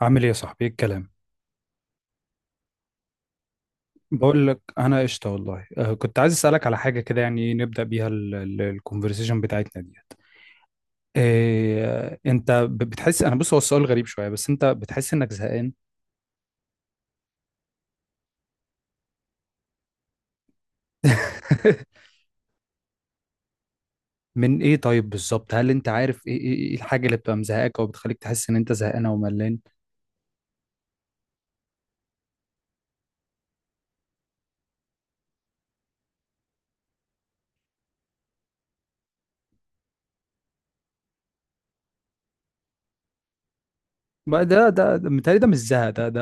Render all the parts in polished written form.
عامل ايه يا صاحبي؟ ايه الكلام؟ بقول لك انا قشطه والله. كنت عايز اسالك على حاجه كده، يعني نبدا بيها الكونفرسيشن بتاعتنا ديت. إيه انت بتحس، انا بص، هو السؤال غريب شويه، بس انت بتحس انك زهقان؟ من ايه طيب بالظبط؟ هل انت عارف ايه ايه إيه الحاجه اللي بتبقى مزهقاك او بتخليك تحس ان انت زهقان او ملان؟ بقى ده ده متهيألي ده مش زهق ده.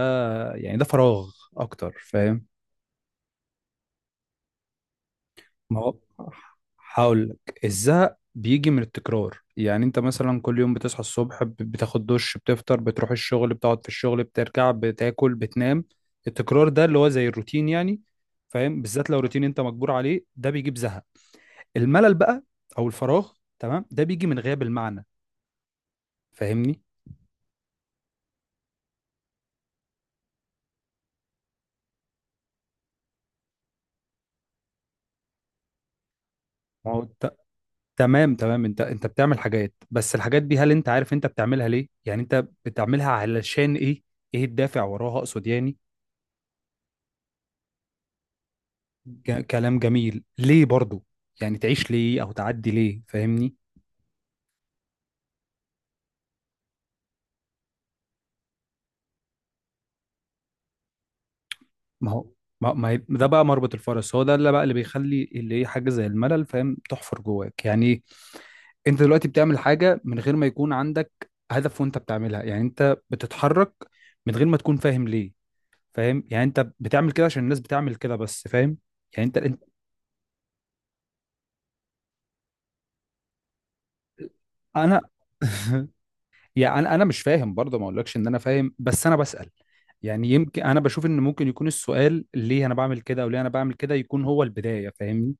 يعني ده فراغ اكتر، فاهم؟ ما هو هقول لك، الزهق بيجي من التكرار. يعني انت مثلا كل يوم بتصحى الصبح، بتاخد دش، بتفطر، بتروح الشغل، بتقعد في الشغل، بترجع، بتاكل، بتنام. التكرار ده اللي هو زي الروتين يعني، فاهم؟ بالذات لو روتين انت مجبور عليه، ده بيجيب زهق. الملل بقى، او الفراغ، تمام، ده بيجي من غياب المعنى، فاهمني؟ ما هو تمام تمام، انت بتعمل حاجات، بس الحاجات دي هل انت عارف انت بتعملها ليه؟ يعني انت بتعملها علشان ايه؟ ايه الدافع وراها اقصد يعني. كلام جميل، ليه برضو؟ يعني تعيش ليه او تعدي ليه، فاهمني؟ ما هو ما ما هي- ده بقى مربط الفرس، هو ده اللي بقى اللي بيخلي اللي هي حاجه زي الملل، فاهم، تحفر جواك يعني. انت دلوقتي بتعمل حاجه من غير ما يكون عندك هدف وانت بتعملها، يعني انت بتتحرك من غير ما تكون فاهم ليه. فاهم؟ يعني انت بتعمل كده عشان الناس بتعمل كده بس، فاهم؟ يعني انت انا. يعني انا مش فاهم برضه، ما اقولكش ان انا فاهم، بس انا بسأل. يعني يمكن انا بشوف ان ممكن يكون السؤال، ليه انا بعمل كده او ليه انا بعمل كده، يكون هو البداية، فاهمني؟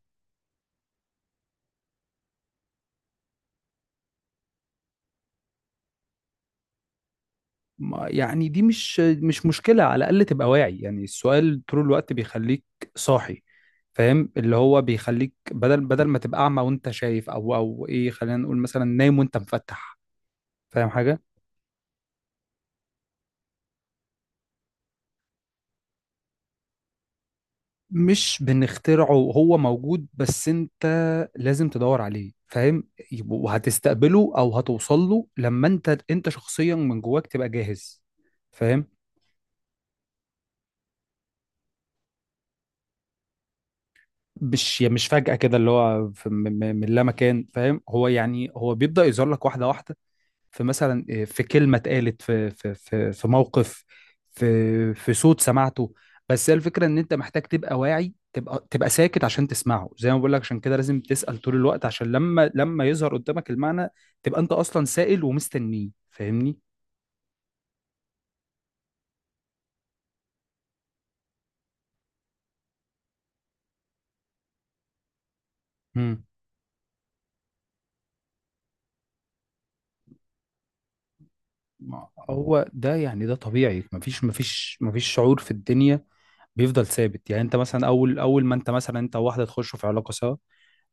يعني دي مش مشكلة، على الاقل تبقى واعي. يعني السؤال طول الوقت بيخليك صاحي، فاهم، اللي هو بيخليك بدل ما تبقى اعمى وانت شايف، او ايه، خلينا نقول مثلا نايم وانت مفتح، فاهم حاجة؟ مش بنخترعه، هو موجود، بس انت لازم تدور عليه، فاهم؟ وهتستقبله او هتوصل له لما انت شخصيا من جواك تبقى جاهز، فاهم؟ مش يعني مش فجأة كده اللي هو في من لا مكان، فاهم. هو يعني هو بيبدأ يظهر لك واحدة واحدة. في مثلا، في كلمة اتقالت في في موقف، في صوت سمعته. بس هي الفكرة ان انت محتاج تبقى واعي، تبقى ساكت عشان تسمعه. زي ما بقول لك، عشان كده لازم تسأل طول الوقت، عشان لما يظهر قدامك المعنى، تبقى انت اصلا سائل ومستنيه، فاهمني؟ مم. ما هو ده يعني ده طبيعي، مفيش مفيش شعور في الدنيا بيفضل ثابت. يعني انت مثلا، اول ما انت مثلا انت وواحده تخشوا في علاقه سوا،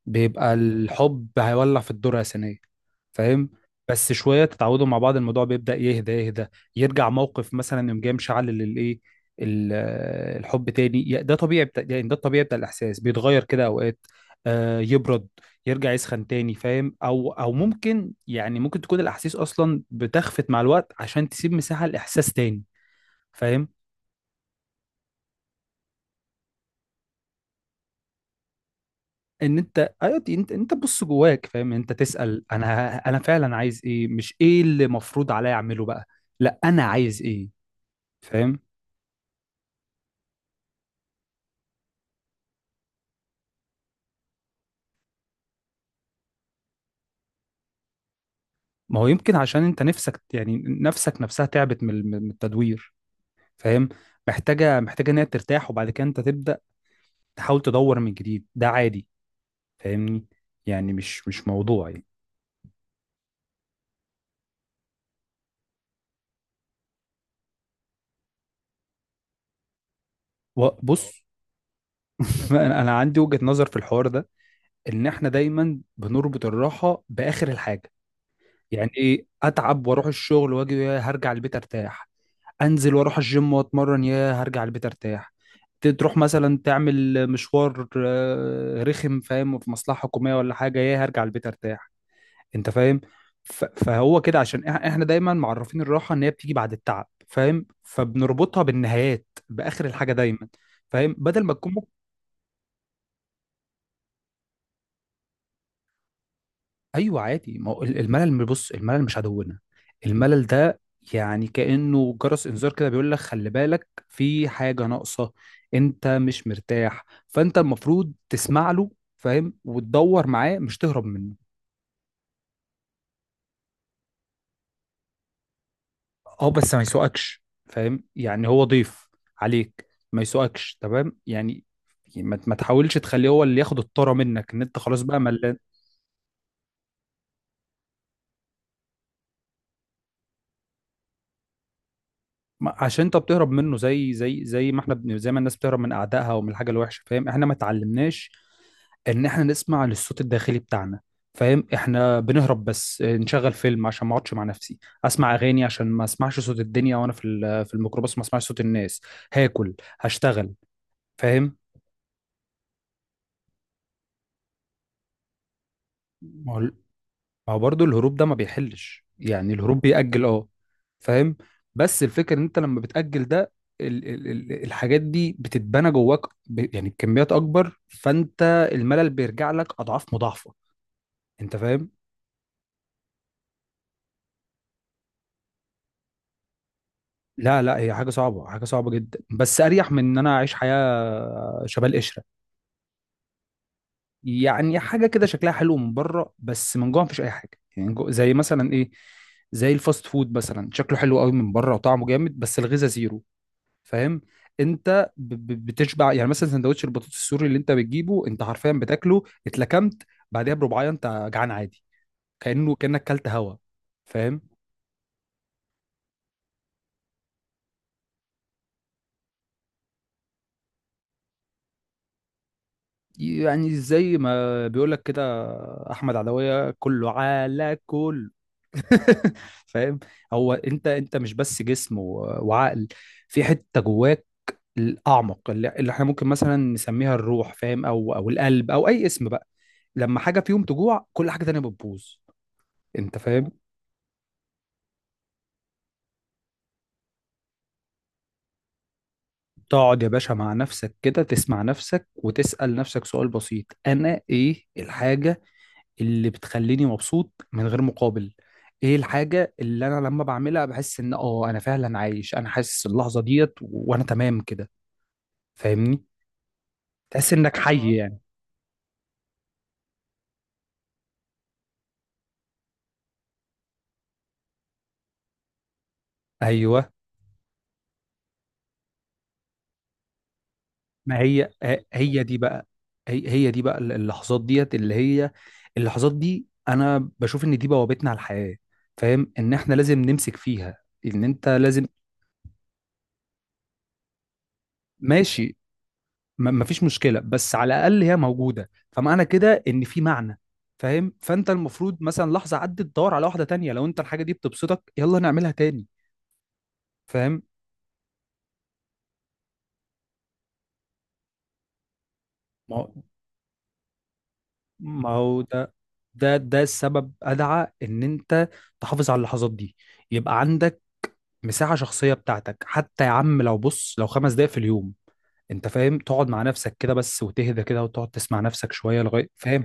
بيبقى الحب هيولع في الذرة الثانية، فاهم. بس شوية تتعودوا مع بعض، الموضوع بيبدأ يهدى يهدى. يرجع موقف مثلا يوم جاي مشعل للإيه، ال- الحب تاني، ده طبيعي بتاع، يعني ده الطبيعي بتاع الإحساس بيتغير كده أوقات. آه، يبرد، يرجع يسخن تاني، فاهم؟ أو ممكن، يعني ممكن تكون الأحاسيس أصلا بتخفت مع الوقت عشان تسيب مساحة لإحساس تاني، فاهم؟ ان انت، ايوه، دي انت تبص جواك، فاهم، انت تسأل انا فعلا عايز ايه، مش ايه اللي مفروض عليا اعمله بقى. لا، انا عايز ايه، فاهم؟ ما هو يمكن عشان انت نفسك، يعني نفسك نفسها تعبت من من التدوير، فاهم. محتاجه ان هي ترتاح، وبعد كده انت تبدأ تحاول تدور من جديد، ده عادي، فاهمني. يعني مش موضوع يعني. بص. انا، عندي وجهة نظر في الحوار ده، ان احنا دايما بنربط الراحه باخر الحاجه. يعني ايه؟ اتعب واروح الشغل واجي، يا هرجع البيت ارتاح. انزل واروح الجيم واتمرن، يا هرجع البيت ارتاح. تروح مثلا تعمل مشوار رخم، فاهم، في مصلحة حكومية ولا حاجة، يا هرجع البيت ارتاح، انت فاهم؟ فهو كده عشان احنا دايما معرفين الراحة ان هي بتيجي بعد التعب، فاهم، فبنربطها بالنهايات، باخر الحاجة دايما، فاهم، بدل ما تكون. ايوه عادي. ما هو الملل، بص، الملل مش عدونا. الملل ده يعني كأنه جرس انذار كده، بيقول لك خلي بالك، في حاجة ناقصة، انت مش مرتاح، فانت المفروض تسمع له، فاهم، وتدور معاه، مش تهرب منه. اه، بس ما يسوقكش، فاهم، يعني هو ضيف عليك، ما يسوقكش، تمام يعني. ما تحاولش تخليه هو اللي ياخد الطاره منك، ان انت خلاص بقى ملان. عشان انت بتهرب منه زي زي ما احنا زي ما الناس بتهرب من اعدائها ومن الحاجه الوحشه، فاهم، احنا ما اتعلمناش ان احنا نسمع للصوت الداخلي بتاعنا، فاهم. احنا بنهرب، بس نشغل فيلم عشان ما اقعدش مع نفسي، اسمع اغاني عشان ما اسمعش صوت الدنيا وانا في الميكروباص، ما اسمعش صوت الناس، هاكل، هشتغل، فاهم. ما هو برضه الهروب ده ما بيحلش، يعني الهروب بيأجل، اه، فاهم. بس الفكرة ان انت لما بتأجل ده، ال الحاجات دي بتتبنى جواك يعني بكميات اكبر، فانت الملل بيرجع لك اضعاف مضاعفة، انت فاهم. لا، لا، هي حاجة صعبة، حاجة صعبة جدا، بس أريح من إن أنا أعيش حياة شبه القشرة. يعني حاجة كده شكلها حلو من بره بس من جوه مفيش أي حاجة. يعني جو زي مثلا إيه، زي الفاست فود مثلا، شكله حلو قوي من بره وطعمه جامد، بس الغذاء زيرو، فاهم؟ أنت ب بتشبع، يعني مثلا سندوتش البطاطس السوري اللي أنت بتجيبه، أنت حرفيا بتاكله اتلكمت، بعدها بربعاية أنت جعان عادي، كأنك كلت هوا، فاهم. يعني زي ما بيقول لك كده، احمد عدويه، كله على كل. فاهم. هو انت مش بس جسم وعقل، في حته جواك الاعمق اللي احنا ممكن مثلا نسميها الروح، فاهم، او القلب، او اي اسم بقى. لما حاجه فيهم تجوع، كل حاجه تانية بتبوظ، انت فاهم. تقعد يا باشا مع نفسك كده، تسمع نفسك وتسأل نفسك سؤال بسيط، انا ايه الحاجه اللي بتخليني مبسوط من غير مقابل؟ ايه الحاجة اللي انا لما بعملها بحس ان، اه، انا فعلا عايش، انا حاسس اللحظة ديت، وانا تمام كده، فاهمني؟ تحس انك حي، اه، يعني. ايوه، ما هي هي دي بقى، هي دي بقى، اللحظات ديت اللي هي، اللحظات دي انا بشوف ان دي بوابتنا على الحياة، فاهم، ان احنا لازم نمسك فيها، ان انت لازم. ماشي، ما فيش مشكله، بس على الاقل هي موجوده، فمعنى كده ان في معنى، فاهم؟ فانت المفروض مثلا، لحظه عدت تدور على واحده تانية، لو انت الحاجه دي بتبسطك يلا نعملها تاني، فاهم. ما هو ده ده السبب ادعى ان انت تحافظ على اللحظات دي، يبقى عندك مساحه شخصيه بتاعتك، حتى يا عم لو، بص، لو 5 دقايق في اليوم، انت فاهم، تقعد مع نفسك كده بس، وتهدى كده، وتقعد تسمع نفسك شويه لغايه، فاهم.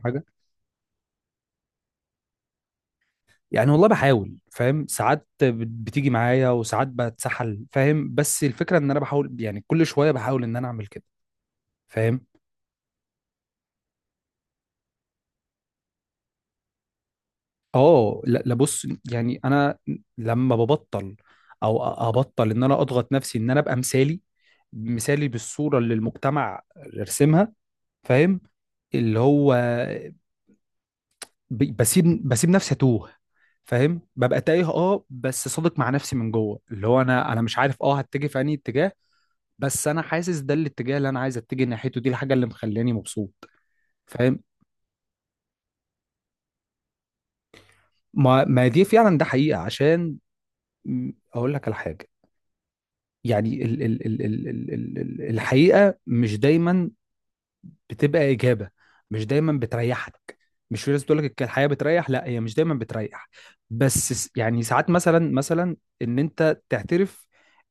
يعني والله بحاول، فاهم، ساعات بتيجي معايا وساعات بتسحل، فاهم، بس الفكرة ان انا بحاول، يعني كل شوية بحاول ان انا اعمل كده، فاهم. اه، لا، لا، بص، يعني انا لما ببطل، او ابطل ان انا اضغط نفسي ان انا ابقى مثالي، مثالي بالصورة اللي المجتمع رسمها، فاهم، اللي هو بسيب، نفسي اتوه، فاهم، ببقى تايه، اه، بس صادق مع نفسي من جوه، اللي هو انا، مش عارف، اه، هتجه في انهي اتجاه، بس انا حاسس ده الاتجاه اللي انا عايز اتجه ناحيته، دي الحاجه اللي مخلاني مبسوط، فاهم. ما دي فعلا ده حقيقه، عشان، اقول لك على حاجه، يعني ال الحقيقه مش دايما بتبقى اجابه، مش دايما بتريحك. مش في ناس بتقول لك الحياه بتريح، لا، هي مش دايما بتريح، بس يعني ساعات مثلا، ان انت تعترف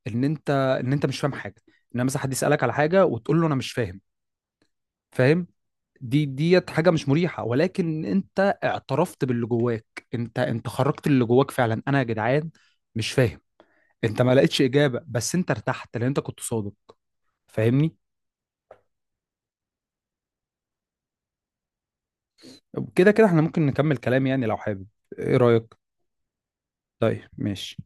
ان انت، ان انت مش فاهم حاجه، ان مثلا حد يسالك على حاجه وتقول له انا مش فاهم، فاهم؟ دي ديت حاجه مش مريحه، ولكن انت اعترفت باللي جواك، انت خرجت اللي جواك فعلا، انا يا جدعان مش فاهم. انت ما لقيتش اجابه، بس انت ارتحت لان انت كنت صادق، فاهمني؟ كده كده احنا ممكن نكمل كلام يعني، لو حابب، ايه رايك؟ طيب، ماشي.